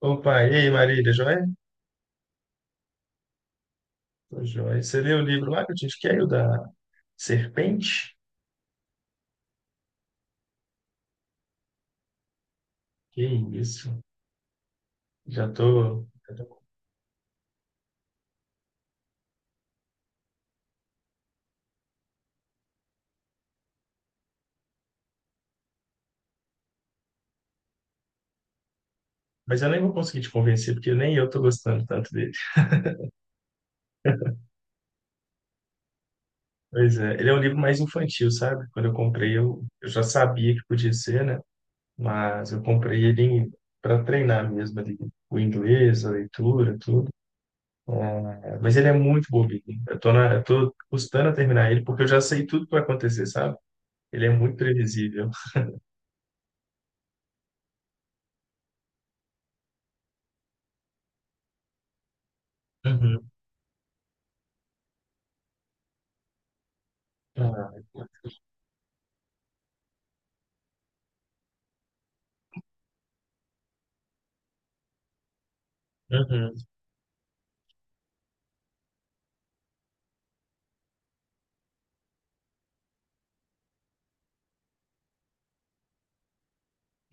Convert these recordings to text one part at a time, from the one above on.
Opa, e aí, Marília, tá joia? Tô joia. Você leu o livro lá que eu te indiquei, o da Serpente? Que isso, já tô... já tô- Mas eu nem vou conseguir te convencer, porque nem eu tô gostando tanto dele. Pois é, ele é um livro mais infantil, sabe? Quando eu comprei, eu já sabia que podia ser, né? Mas eu comprei ele para treinar mesmo ali, o inglês, a leitura, tudo. É, mas ele é muito bobinho. Eu tô custando a terminar ele, porque eu já sei tudo que vai acontecer, sabe? Ele é muito previsível. Ah, uhum.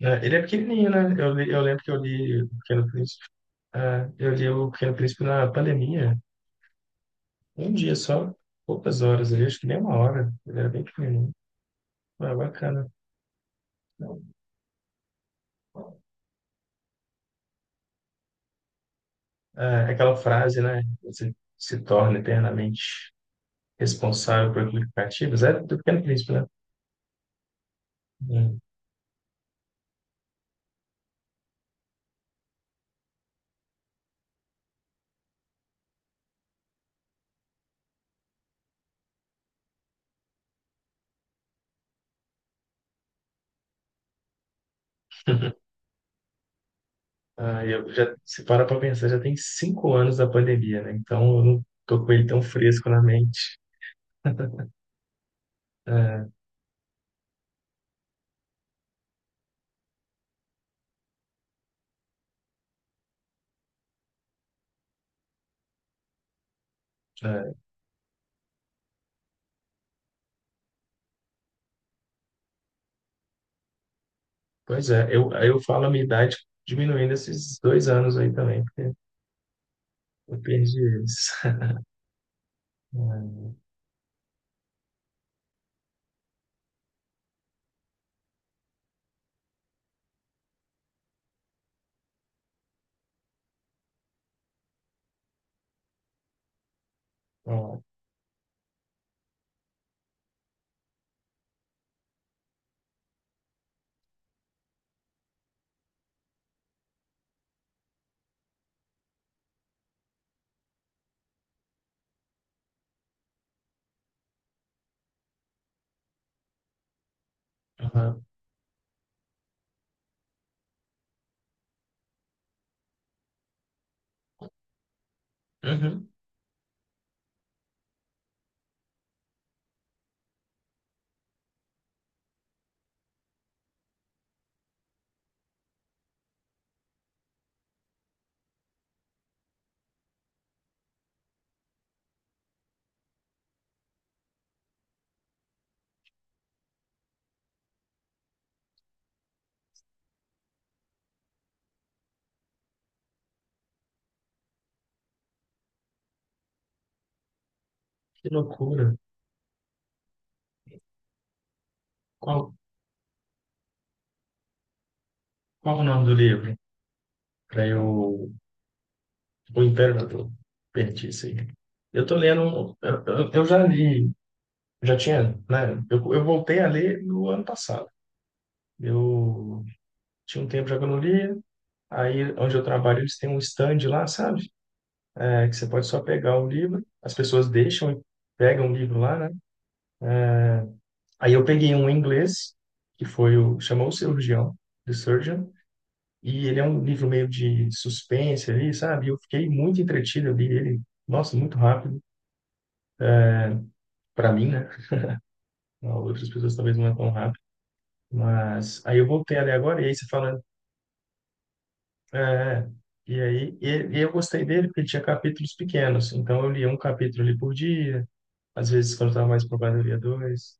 É, ele é pequenininho, né? Eu lembro que eu li o Pequeno Príncipe. É, eu li o Pequeno Príncipe na pandemia. Um dia só, poucas horas ali, acho que nem uma hora. Ele era bem pequenininho. Ah, bacana. É, é aquela frase, né? Você se torna eternamente responsável por aplicativos. É do Pequeno Príncipe, né? Hum. Ah, eu já, se para pra pensar, já tem 5 anos da pandemia, né? Então eu não tô com ele tão fresco na mente. É, é. Pois é, aí eu falo a minha idade diminuindo esses 2 anos aí também, porque eu perdi eles. Hum, ó, aham. Uhum, que loucura. Qual, qual o nome do livro? Para eu. O Imperador. Perdi isso aí. Eu tô lendo. Eu já li, já tinha, né? Eu voltei a ler no ano passado. Eu tinha um tempo já que eu não lia. Aí, onde eu trabalho, eles têm um stand lá, sabe? É, que você pode só pegar o livro, as pessoas deixam e pegam o livro lá, né? Aí eu peguei um em inglês, que foi o... Chamou o Cirurgião, The Surgeon, e ele é um livro meio de suspense ali, sabe? E eu fiquei muito entretido ali, ele... Nossa, muito rápido, para mim, né? Outras pessoas talvez não é tão rápido. Mas aí eu voltei ali agora, e aí você fala... É, e aí e, e eu gostei dele porque ele tinha capítulos pequenos, então eu lia um capítulo ali por dia, às vezes quando eu estava mais empolgado eu lia dois,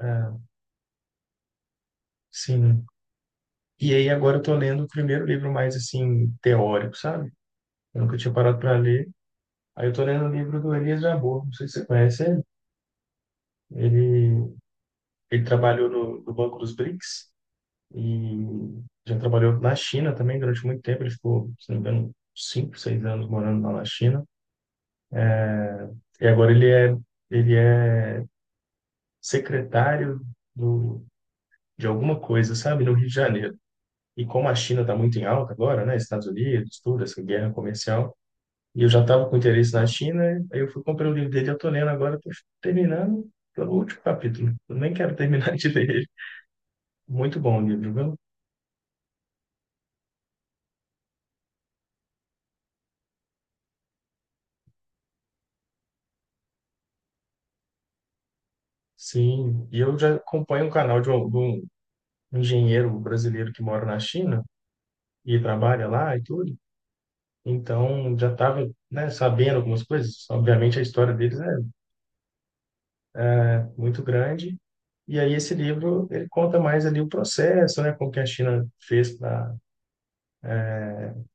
é, sim, né? E aí agora eu tô lendo o primeiro livro mais assim teórico, sabe? Eu nunca tinha parado para ler. Aí eu tô lendo o livro do Elias Jabbour, não sei se você conhece ele. Ele, ele trabalhou no Banco dos BRICS e já trabalhou na China também durante muito tempo. Ele ficou, se não me engano, 5, 6 anos morando lá na China. E agora ele é secretário do, de alguma coisa, sabe, no Rio de Janeiro. E como a China está muito em alta agora, né, Estados Unidos, tudo, essa guerra comercial, e eu já estava com interesse na China, aí eu fui comprei o livro dele, eu tô lendo agora, tô terminando pelo último capítulo. Eu nem quero terminar de ler ele. Muito bom o livro, viu? Sim, e eu já acompanho um canal de um engenheiro brasileiro que mora na China e trabalha lá e tudo. Então, já estava, né, sabendo algumas coisas. Obviamente, a história deles é muito grande. E aí, esse livro, ele conta mais ali o processo, né, como que a China fez para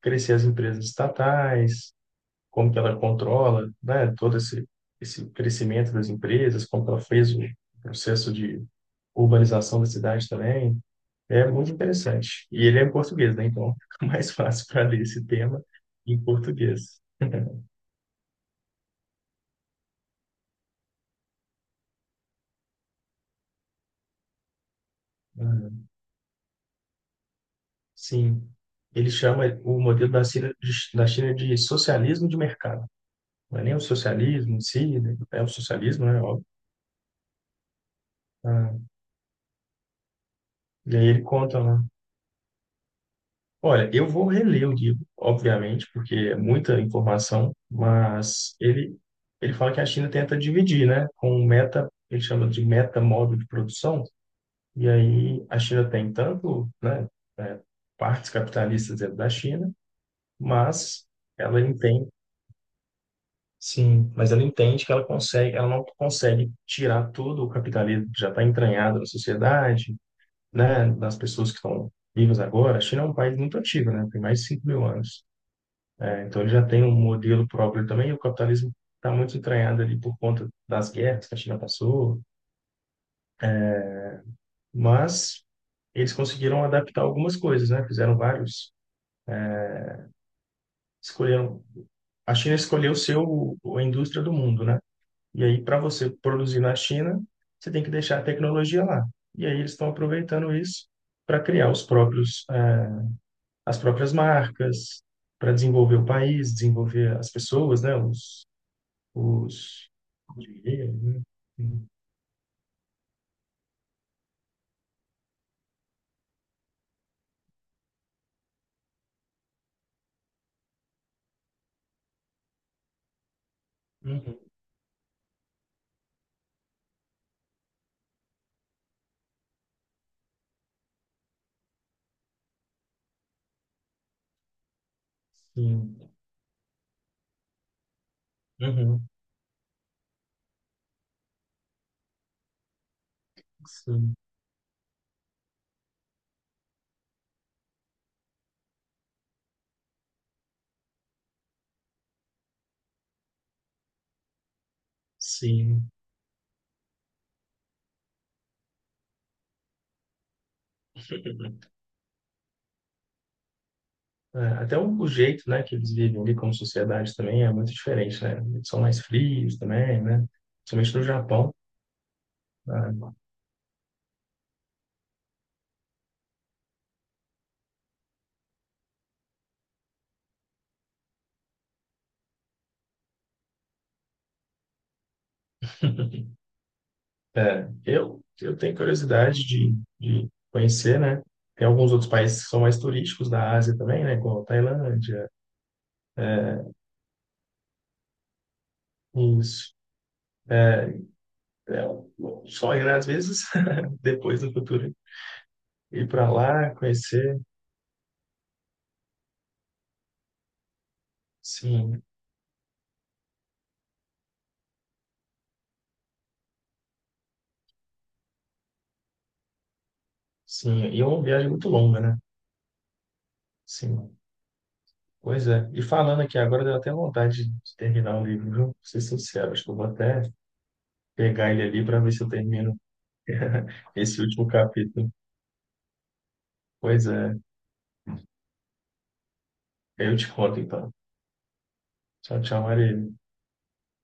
crescer as empresas estatais, como que ela controla, né, todo esse crescimento das empresas, como que ela fez o processo de urbanização da cidade também. É muito interessante. E ele é em português, né? Então fica mais fácil para ler esse tema em português. Ah, sim, ele chama o modelo da China de socialismo de mercado. Não é nem o socialismo em si, né? É o socialismo, né? Óbvio. Ah, e aí ele conta, né? Olha, eu vou reler o livro, obviamente, porque é muita informação, mas ele fala que a China tenta dividir, né, com um meta, ele chama de meta modo de produção, e aí a China tem tanto, né, é, partes capitalistas dentro da China, mas ela entende, sim, mas ela entende que ela consegue, ela não consegue tirar todo o capitalismo que já está entranhado na sociedade, né, das pessoas que estão vivas agora. A China é um país muito antigo, né, tem mais de 5.000 anos. Então ele já tem um modelo próprio também, e o capitalismo está muito entranhado ali por conta das guerras que a China passou, mas eles conseguiram adaptar algumas coisas, né? Escolheram, a China escolheu seu a indústria do mundo, né? E aí para você produzir na China, você tem que deixar a tecnologia lá. E aí eles estão aproveitando isso para criar os próprios as próprias marcas, para desenvolver o país, desenvolver as pessoas, né? Os né? Uhum, sim. Uhum, sim. Sim. É, até o jeito, né, que eles vivem ali como sociedade também é muito diferente, né? Eles são mais frios também, né? Principalmente no Japão, né? É, eu tenho curiosidade de conhecer, né? Tem alguns outros países que são mais turísticos da Ásia também, né? Como a Tailândia. É, isso. É um sonho, né? Às vezes, depois no futuro, ir para lá, conhecer. Sim. Sim, e é uma viagem muito longa, né? Sim, pois é. E falando aqui agora, deu até vontade de terminar o livro, viu? Pra ser sincero, acho que eu vou até pegar ele ali para ver se eu termino esse último capítulo. Pois é, eu te conto então. Tchau, tchau, Maria.